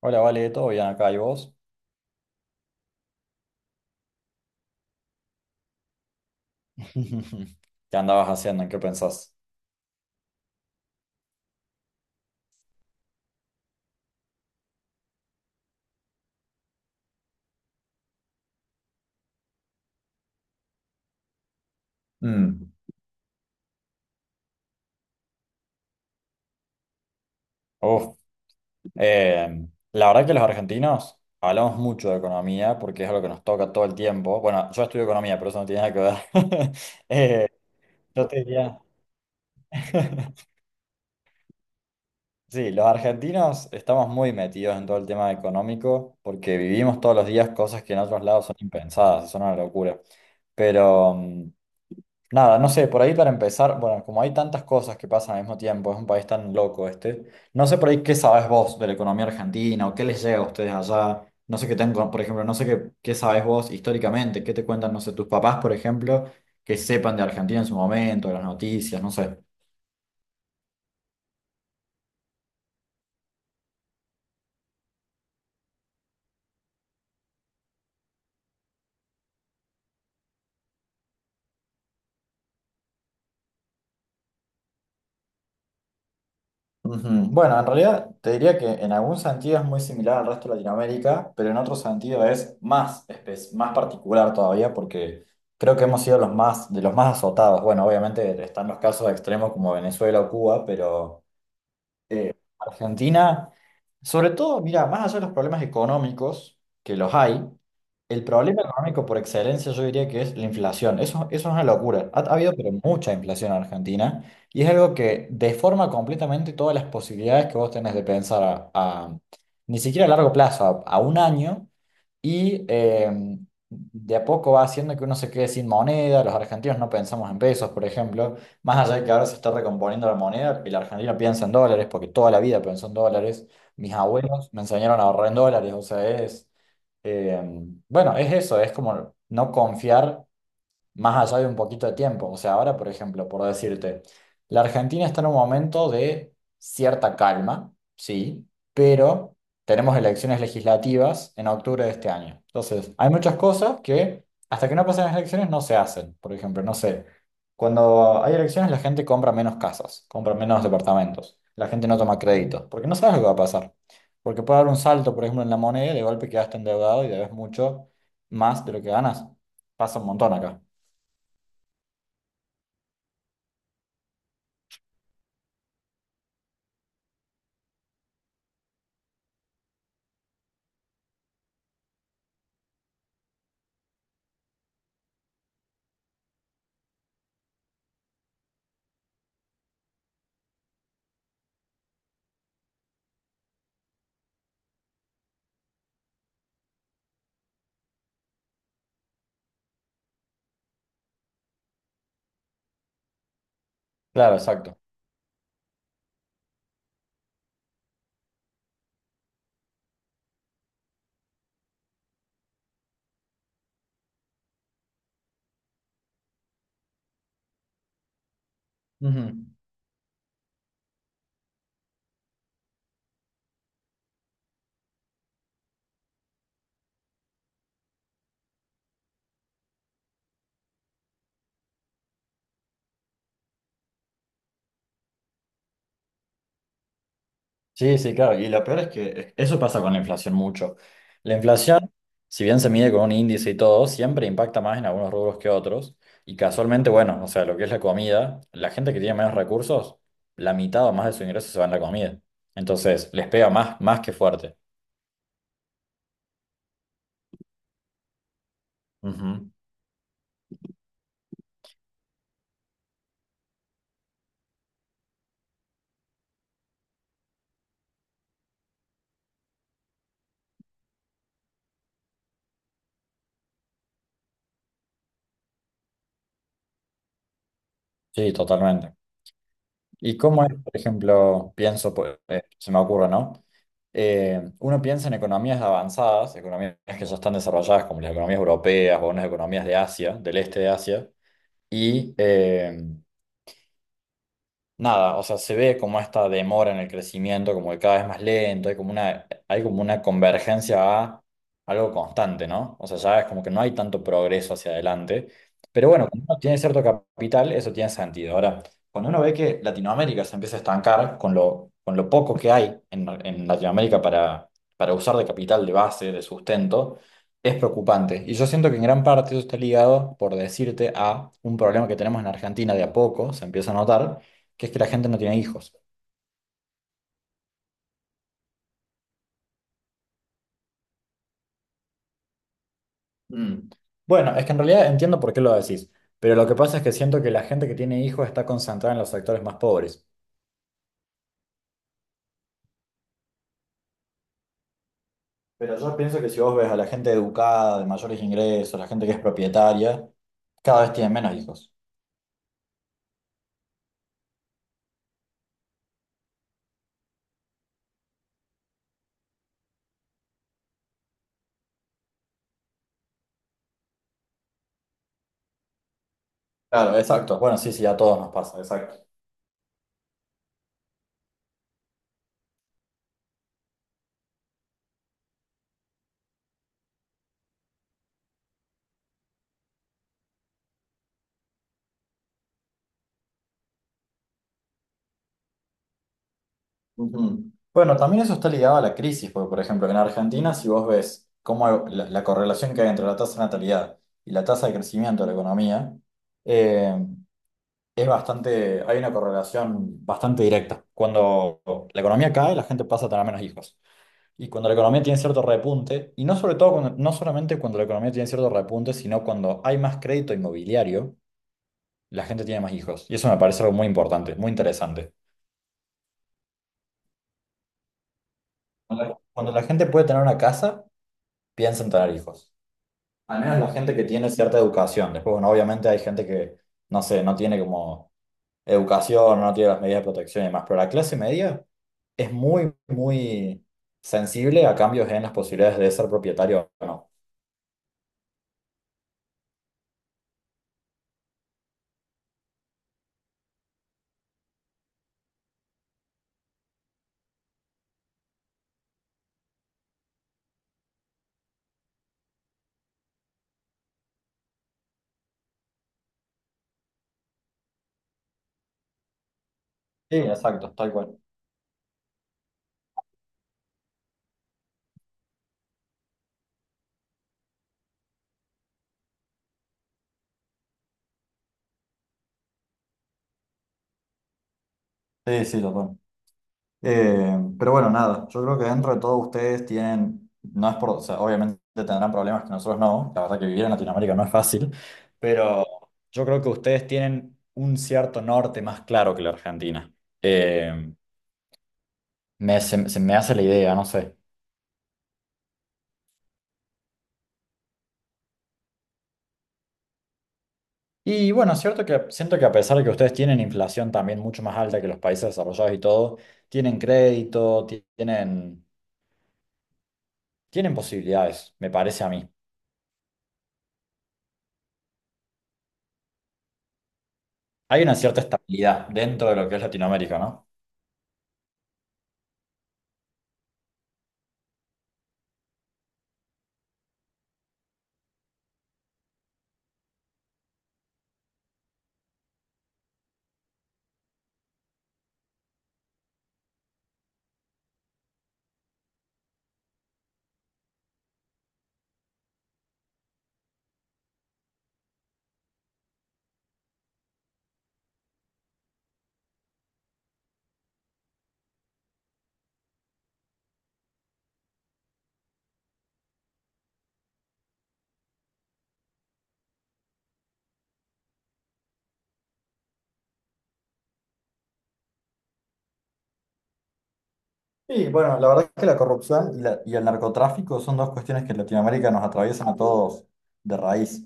Hola, Vale, ¿todo bien acá? ¿Y vos? ¿Qué andabas haciendo? ¿En qué pensás? Mm, uf, eh, la verdad que los argentinos hablamos mucho de economía porque es algo que nos toca todo el tiempo. Bueno, yo estudio economía, pero eso no tiene nada que ver. Eh, yo te diría... Sí, los argentinos estamos muy metidos en todo el tema económico porque vivimos todos los días cosas que en otros lados son impensadas, son una locura. Pero nada, no sé, por ahí para empezar, bueno, como hay tantas cosas que pasan al mismo tiempo, es un país tan loco este, no sé por ahí qué sabes vos de la economía argentina o qué les llega a ustedes allá, no sé qué tengo, por ejemplo, no sé qué sabes vos históricamente, qué te cuentan, no sé, tus papás, por ejemplo, que sepan de Argentina en su momento, de las noticias, no sé. Ujú. Bueno, en realidad te diría que en algún sentido es muy similar al resto de Latinoamérica, pero en otro sentido es más particular todavía porque creo que hemos sido de los más azotados. Bueno, obviamente están los casos extremos como Venezuela o Cuba, pero eh, Argentina. Sobre todo, mira, más allá de los problemas económicos, que los hay, el problema económico por excelencia yo diría que es la inflación. Eso es una locura. Ha habido pero mucha inflación en Argentina y es algo que deforma completamente todas las posibilidades que vos tenés de pensar ni siquiera a largo plazo, a un año, y de a poco va haciendo que uno se quede sin moneda. Los argentinos no pensamos en pesos, por ejemplo, más allá de que ahora se está recomponiendo la moneda. El argentino piensa en dólares, porque toda la vida pensó en dólares. Mis abuelos me enseñaron a ahorrar en dólares, o sea, bueno, es eso, es como no confiar más allá de un poquito de tiempo. O sea, ahora, por ejemplo, por decirte, la Argentina está en un momento de cierta calma, sí, pero tenemos elecciones legislativas en octubre de este año. Entonces, hay muchas cosas que hasta que no pasen las elecciones no se hacen. Por ejemplo, no sé, cuando hay elecciones la gente compra menos casas, compra menos departamentos, la gente no toma créditos, porque no sabes lo que va a pasar. Porque puede haber un salto, por ejemplo, en la moneda y de golpe quedaste endeudado y debes mucho más de lo que ganas. Pasa un montón acá. Claro, exacto. Ujú. Sí, sí, claro. Y lo peor es que eso pasa con la inflación mucho. La inflación, si bien se mide con un índice y todo, siempre impacta más en algunos rubros que otros. Y casualmente, bueno, o sea, lo que es la comida, la gente que tiene menos recursos, la mitad o más de su ingreso se va en la comida. Entonces, les pega más, más que fuerte. Ujú. Sí, totalmente. ¿Y cómo es, por ejemplo, pienso, pues, se me ocurre, ¿no? Uno piensa en economías avanzadas, economías que ya están desarrolladas, como las economías europeas o unas economías de Asia, del este de Asia, y nada, o sea, se ve como esta demora en el crecimiento, como que cada vez más lento, hay como una convergencia a algo constante, ¿no? O sea, ya es como que no hay tanto progreso hacia adelante. Pero bueno, claro, cuando uno tiene cierto capital, eso tiene sentido. Ahora, cuando uno ve que Latinoamérica se empieza a estancar con con lo poco que hay en Latinoamérica para usar de capital, de base, de sustento, es preocupante. Y yo siento que en gran parte eso está ligado, por decirte, a un problema que tenemos en Argentina de a poco, se empieza a notar que es que la gente no tiene hijos. Mm, Bueno, es que en realidad entiendo por qué lo decís, pero lo que pasa es que siento que la gente que tiene hijos está concentrada en los sectores más pobres. Pero yo pienso que si vos ves a la gente educada, de mayores ingresos, la gente que es propietaria, cada vez tienen menos hijos. Claro, exacto. Bueno, sí, sí, a todos nos pasa, exacto. Ujú. Bueno, también eso está ligado a la crisis, porque por ejemplo, en Argentina, si vos ves cómo la correlación que hay entre la tasa de natalidad y la tasa de crecimiento de la economía, eh, es bastante, hay una correlación bastante directa. Cuando la economía cae, la gente pasa a tener menos hijos. Y cuando la economía tiene cierto repunte, y no sobre todo, no solamente cuando la economía tiene cierto repunte, sino cuando hay más crédito inmobiliario, la gente tiene más hijos. Y eso me parece algo muy importante, muy interesante. Cuando la gente puede tener una casa, piensa en tener hijos. Al menos la gente que tiene cierta educación. Después, bueno, obviamente hay gente que, no sé, no tiene como educación, no tiene las medidas de protección y demás, pero la clase media es muy, muy sensible a cambios en las posibilidades de ser propietario o no. Sí, exacto, tal cual. Sí, sí, total. Pero bueno, nada, yo creo que dentro de todo ustedes tienen, no es por, o sea, obviamente tendrán problemas que nosotros no, la verdad que vivir en Latinoamérica no es fácil, pero yo creo que ustedes tienen un cierto norte más claro que la Argentina. Eh, Me, se me hace la idea, no sé. Y bueno, es cierto que siento que a pesar de que ustedes tienen inflación también mucho más alta que los países desarrollados y todo, tienen crédito, tienen, tienen posibilidades, me parece a mí. Hay una cierta estabilidad dentro de lo que es Latinoamérica, ¿no? Sí, bueno, la verdad es que la corrupción y el narcotráfico son dos cuestiones que en Latinoamérica nos atraviesan a todos de raíz.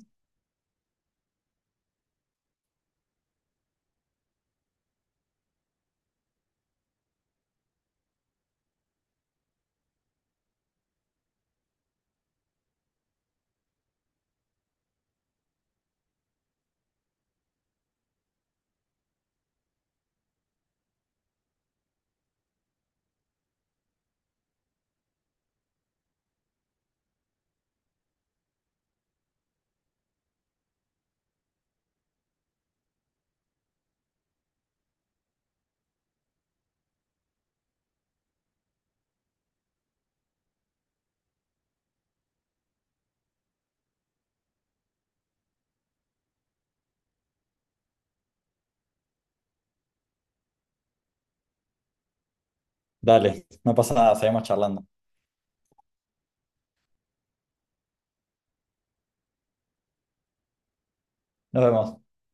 Dale, no pasa nada, seguimos charlando. Nos vemos.